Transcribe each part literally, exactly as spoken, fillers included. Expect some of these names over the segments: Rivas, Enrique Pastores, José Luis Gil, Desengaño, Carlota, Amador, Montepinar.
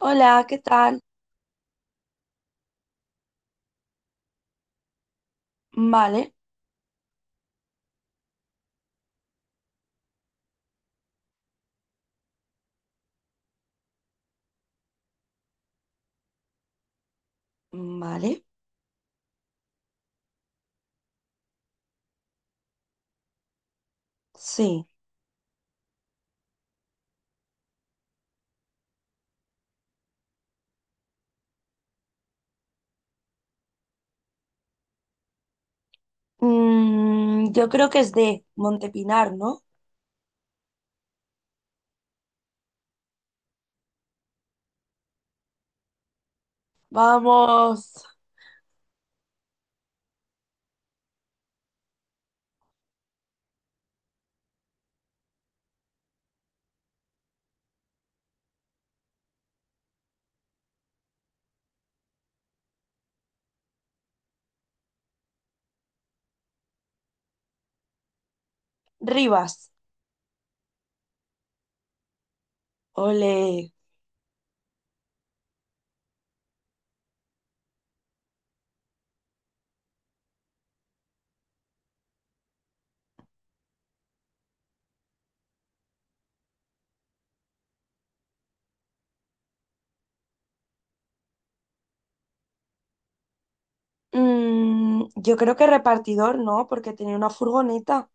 Hola, ¿qué tal? Vale, vale, sí. Mm, yo creo que es de Montepinar, ¿no? Vamos, Rivas. Ole. Mm, yo creo que repartidor, ¿no? Porque tenía una furgoneta.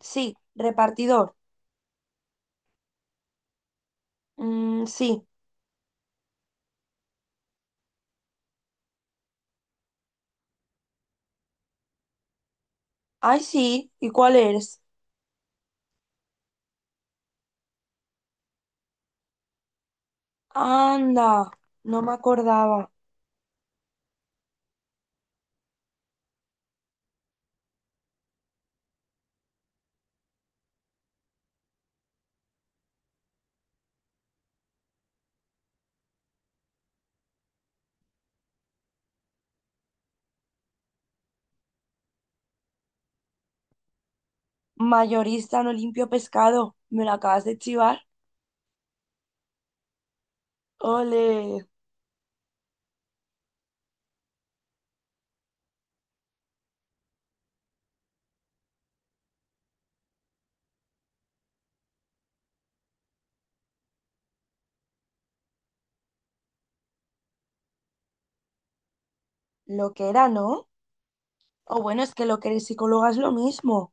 Sí, repartidor. Mm, sí. Ay, sí. ¿Y cuál eres? Anda, no me acordaba. Mayorista, no limpio pescado. Me lo acabas de chivar. Ole. Lo que era, ¿no? O bueno, es que lo que eres psicóloga es lo mismo.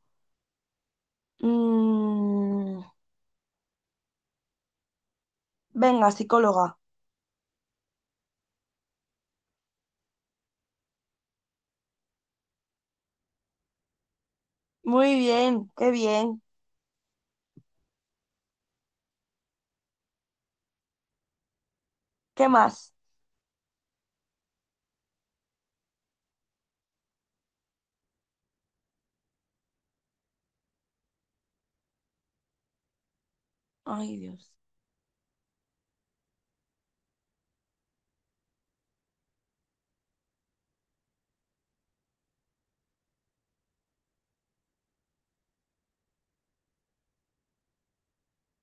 Mm, venga, psicóloga. Muy bien, qué bien. ¿Qué más? Ay, Dios.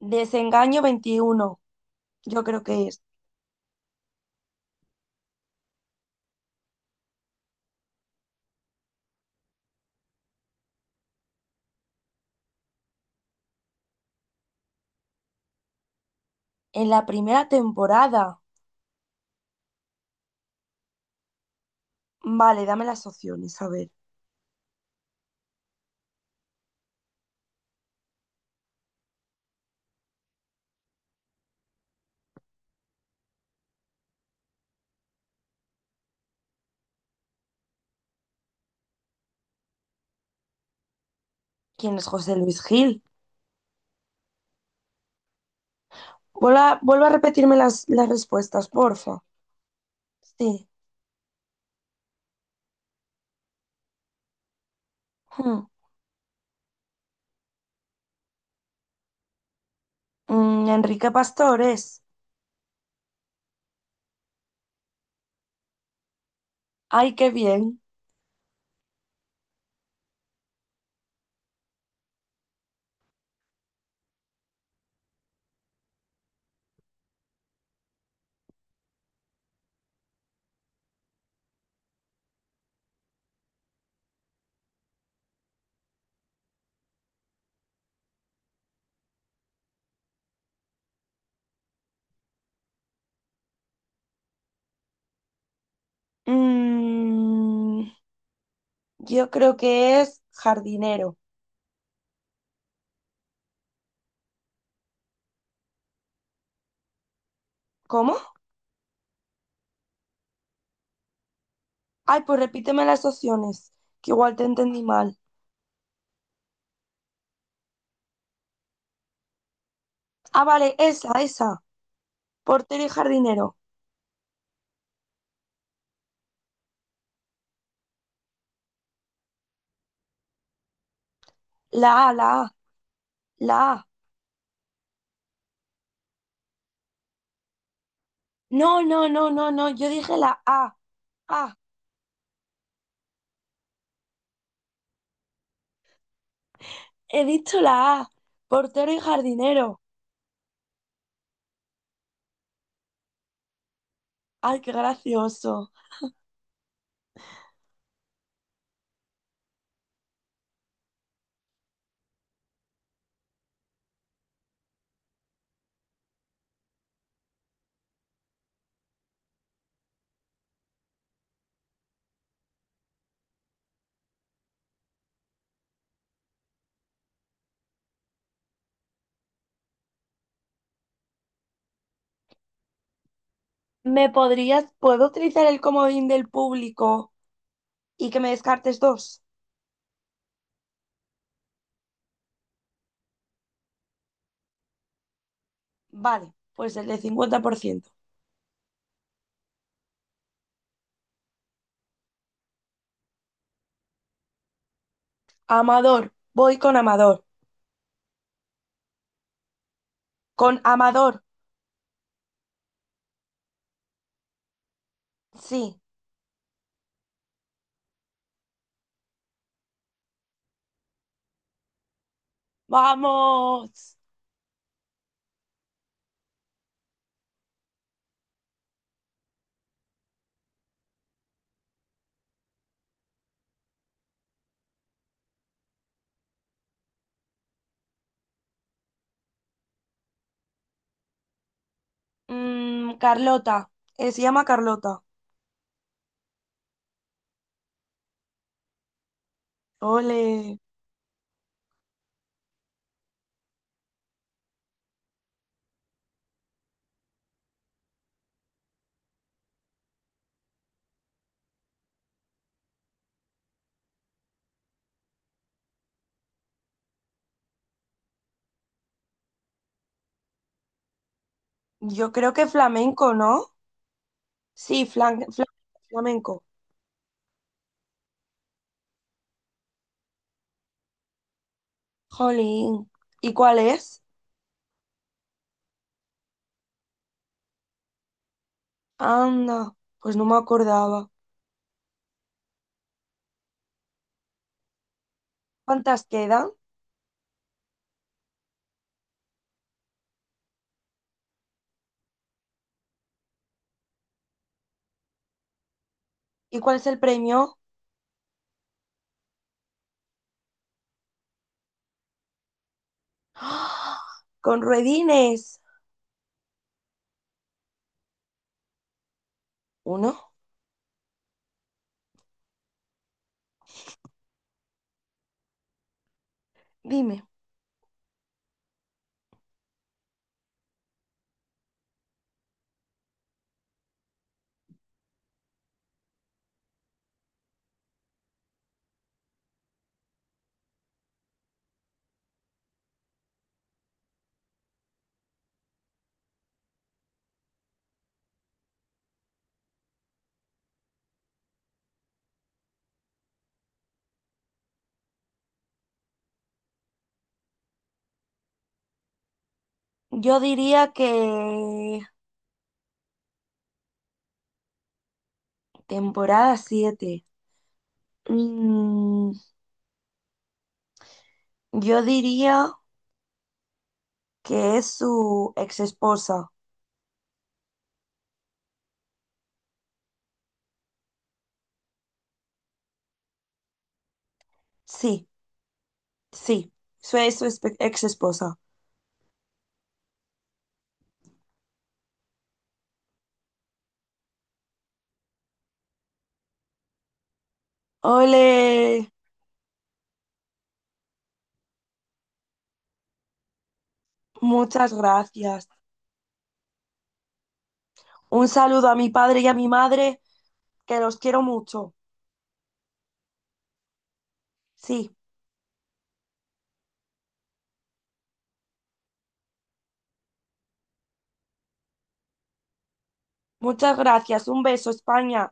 Desengaño veintiuno. Yo creo que es. En la primera temporada. Vale, dame las opciones, a ver. ¿Quién es José Luis Gil? Vuelva, vuelve a repetirme las, las respuestas, porfa. Sí. Hmm. Mm, Enrique Pastores. Ay, qué bien. Mm, yo creo que es jardinero. ¿Cómo? Ay, pues repíteme las opciones, que igual te entendí mal. Ah, vale, esa, esa. Portero y jardinero. La A, la A, la A. No, no, no, no, no. Yo dije la A. Ah, he dicho la A. Portero y jardinero. Ay, qué gracioso. ¿Me podrías, puedo utilizar el comodín del público y que me descartes dos? Vale, pues el de cincuenta por ciento. Amador, voy con Amador. Con Amador, sí. ¡Vamos! Mm, Carlota, eh, se llama Carlota. Ole, yo creo que flamenco, ¿no? Sí, flan- flan- flamenco. Jolín, ¿y cuál es? Anda, pues no me acordaba. ¿Cuántas quedan? ¿Y cuál es el premio? ¡Ah! Con ruedines. ¿Uno? Dime. Yo diría que temporada siete. Yo diría que es su ex esposa. Sí. Sí, soy su espe- ex esposa. Ole, muchas gracias. Un saludo a mi padre y a mi madre, que los quiero mucho. Sí, muchas gracias. Un beso, España.